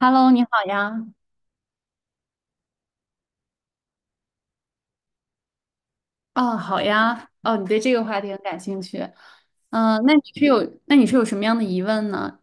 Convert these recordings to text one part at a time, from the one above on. Hello，你好呀。哦，好呀。哦，你对这个话题很感兴趣。那你是有，什么样的疑问呢？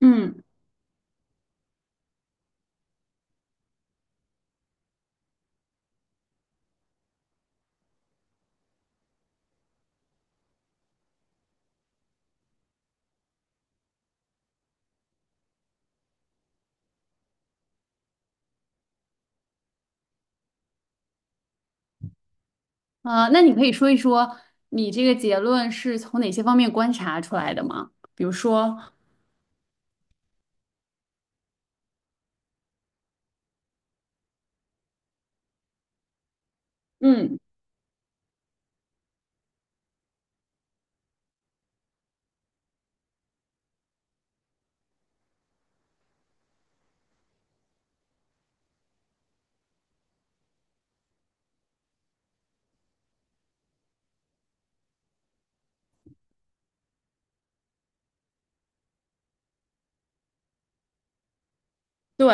嗯，那你可以说一说你这个结论是从哪些方面观察出来的吗？比如说，嗯，对，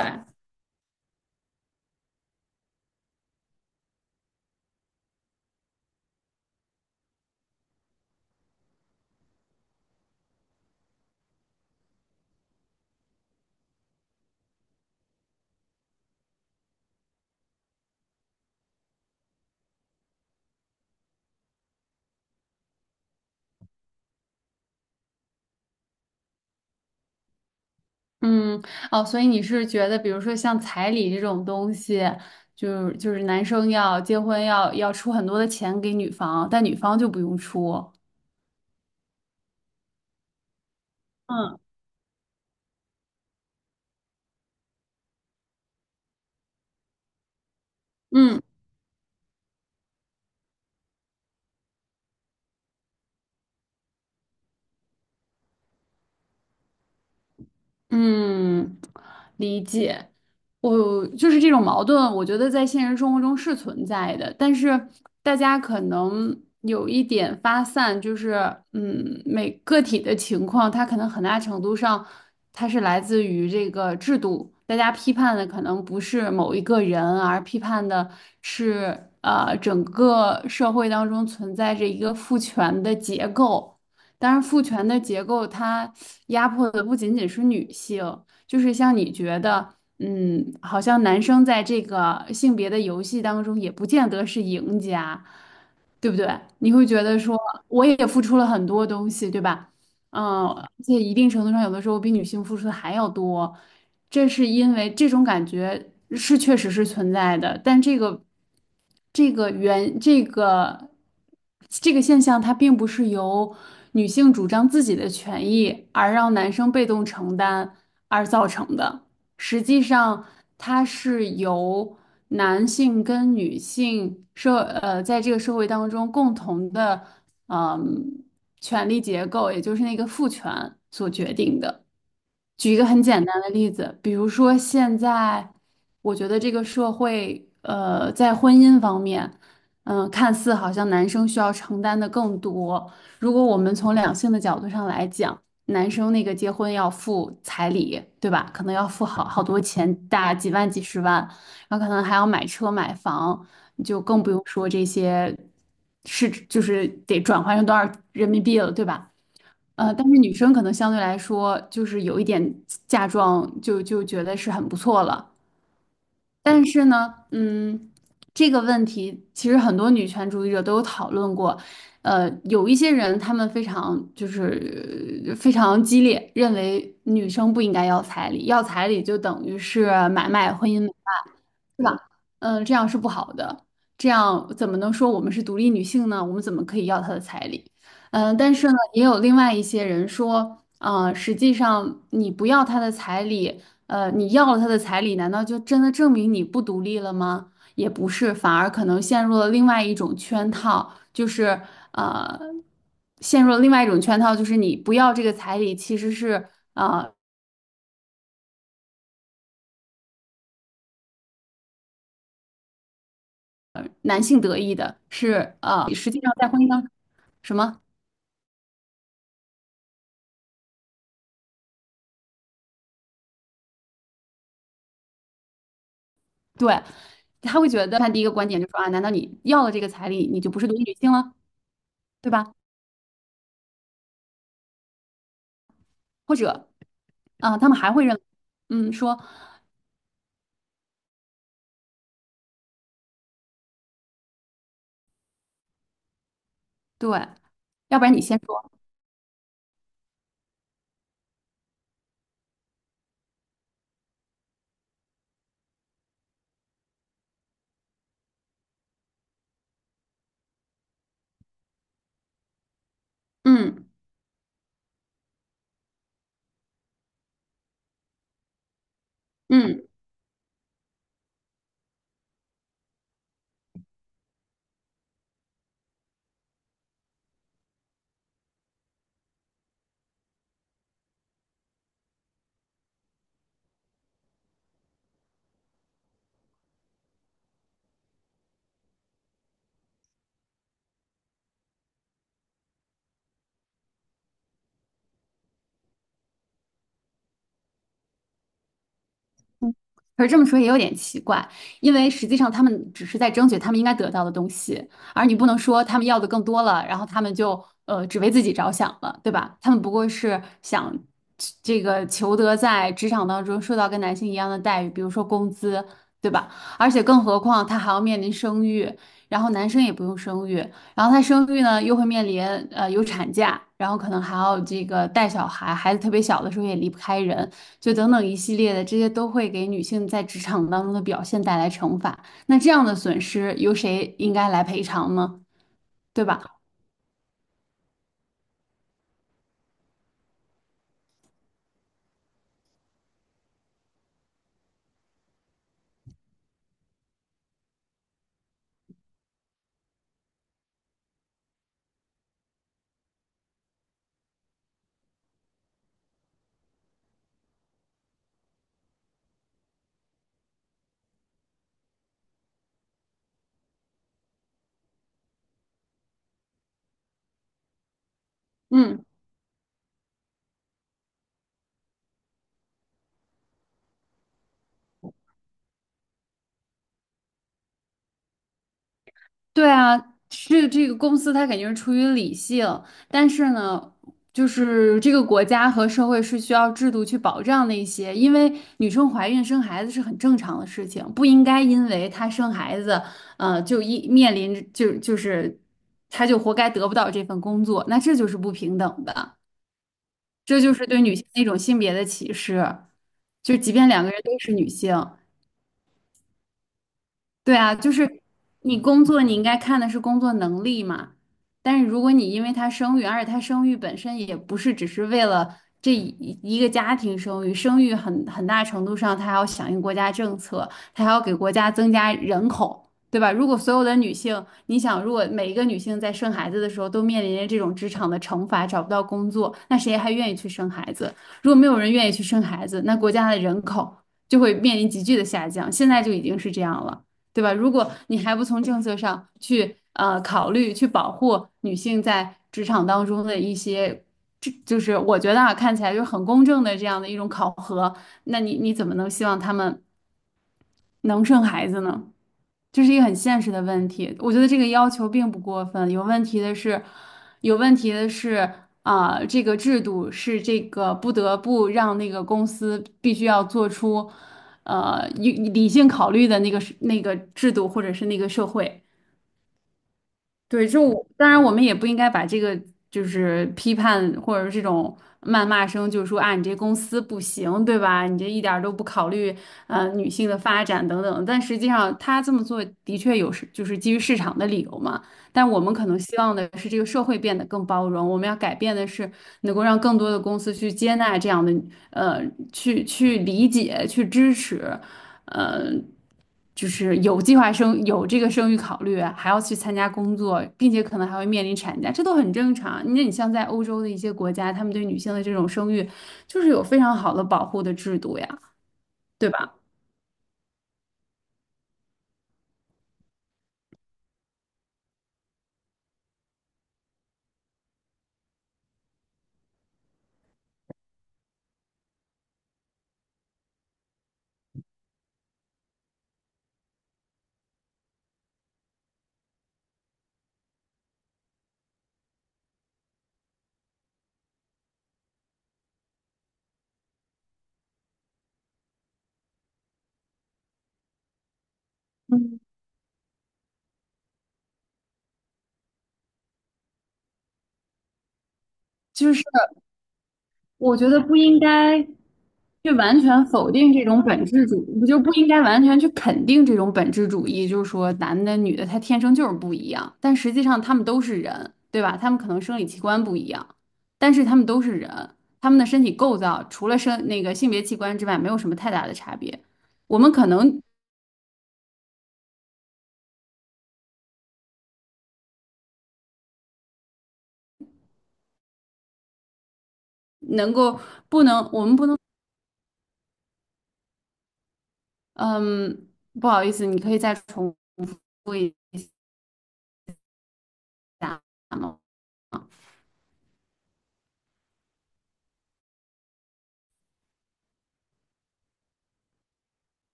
嗯，哦，所以你是觉得，比如说像彩礼这种东西，就是男生要结婚要出很多的钱给女方，但女方就不用出。嗯嗯嗯，理解。我就是这种矛盾，我觉得在现实生活中是存在的，但是大家可能有一点发散，就是嗯，每个体的情况，它可能很大程度上，它是来自于这个制度。大家批判的可能不是某一个人，而批判的是整个社会当中存在着一个父权的结构。当然，父权的结构，它压迫的不仅仅是女性，就是像你觉得，嗯，好像男生在这个性别的游戏当中也不见得是赢家，对不对？你会觉得说，我也付出了很多东西，对吧？嗯，而且一定程度上，有的时候比女性付出的还要多，这是因为这种感觉是确实是存在的，但这个这个原这个这个现象，它并不是由女性主张自己的权益而让男生被动承担而造成的，实际上它是由男性跟女性在这个社会当中共同的。嗯权力结构，也就是那个父权所决定的。举一个很简单的例子，比如说现在，我觉得这个社会，在婚姻方面，看似好像男生需要承担的更多。如果我们从两性的角度上来讲，男生那个结婚要付彩礼，对吧？可能要付好多钱，大几万、几十万，然后可能还要买车、买房，就更不用说这些是就是得转换成多少人民币了，对吧？但是女生可能相对来说就是有一点嫁妆就觉得是很不错了，但是呢，嗯，这个问题其实很多女权主义者都有讨论过。有一些人他们非常激烈，认为女生不应该要彩礼，要彩礼就等于是买卖婚姻，是吧？这样是不好的，这样怎么能说我们是独立女性呢？我们怎么可以要她的彩礼？但是呢，也有另外一些人说，实际上你不要她的彩礼。你要了他的彩礼，难道就真的证明你不独立了吗？也不是，反而可能陷入了另外一种圈套，呃，陷入了另外一种圈套，就是你不要这个彩礼，其实是男性得意的，实际上在婚姻当什么？对，他会觉得他第一个观点就是说啊，难道你要了这个彩礼，你就不是独立女性了，对吧？或者他们还会认为嗯，说对，要不然你先说，嗯嗯。可是这么说也有点奇怪，因为实际上他们只是在争取他们应该得到的东西，而你不能说他们要的更多了，然后他们就只为自己着想了，对吧？他们不过是想这个求得在职场当中受到跟男性一样的待遇，比如说工资，对吧？而且更何况他还要面临生育，然后男生也不用生育，然后他生育呢又会面临有产假，然后可能还要这个带小孩，孩子特别小的时候也离不开人。就等等一系列的，这些都会给女性在职场当中的表现带来惩罚。那这样的损失由谁应该来赔偿呢？对吧？嗯，对啊，是这个公司它肯定是出于理性，但是呢，就是这个国家和社会是需要制度去保障的一些，因为女生怀孕生孩子是很正常的事情，不应该因为她生孩子，就一面临着。她就活该得不到这份工作，那这就是不平等的。这就是对女性的一种性别的歧视。就即便两个人都是女性，对啊，就是你工作，你应该看的是工作能力嘛。但是如果你因为她生育，而且她生育本身也不是只是为了这一个家庭生育，生育很大程度上她还要响应国家政策，他还要给国家增加人口，对吧？如果所有的女性，你想，如果每一个女性在生孩子的时候都面临着这种职场的惩罚，找不到工作，那谁还愿意去生孩子？如果没有人愿意去生孩子，那国家的人口就会面临急剧的下降，现在就已经是这样了。对吧？如果你还不从政策上去考虑去保护女性在职场当中的一些，这就是我觉得啊看起来就是很公正的这样的一种考核，那你怎么能希望他们能生孩子呢？这是一个很现实的问题。我觉得这个要求并不过分，有问题的是，有问题的是这个制度是这个不得不让那个公司必须要做出，理性考虑的那个是那个制度或者是那个社会。对，就我当然我们也不应该把这个就是批判或者是这种谩骂声，就是说啊，你这公司不行，对吧？你这一点儿都不考虑女性的发展等等。但实际上他这么做的确有是就是基于市场的理由嘛。但我们可能希望的是这个社会变得更包容，我们要改变的是能够让更多的公司去接纳这样的呃去理解去支持。呃，就是有计划生有这个生育考虑，还要去参加工作，并且可能还会面临产假，这都很正常。那你像在欧洲的一些国家，他们对女性的这种生育，就是有非常好的保护的制度呀，对吧？就是。我觉得不应该去完全否定这种本质主，不就不应该完全去肯定这种本质主义，就是说男的女的他天生就是不一样，但实际上他们都是人，对吧？他们可能生理器官不一样，但是他们都是人，他们的身体构造除了生那个性别器官之外，没有什么太大的差别。我们可能能够不能，我们不能，嗯，不好意思，你可以再重复一下吗？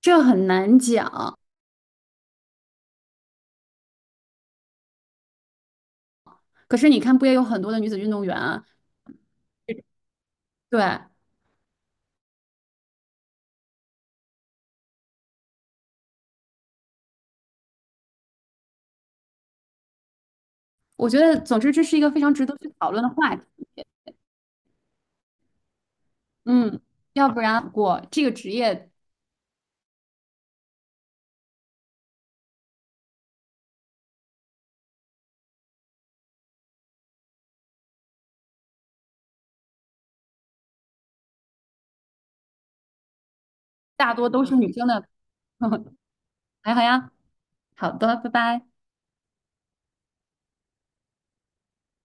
这很难讲，可是你看，不也有很多的女子运动员啊？对，我觉得，总之这是一个非常值得去讨论的话题。嗯，要不然我这个职业大多都是女生的。还好呀，好的，拜拜。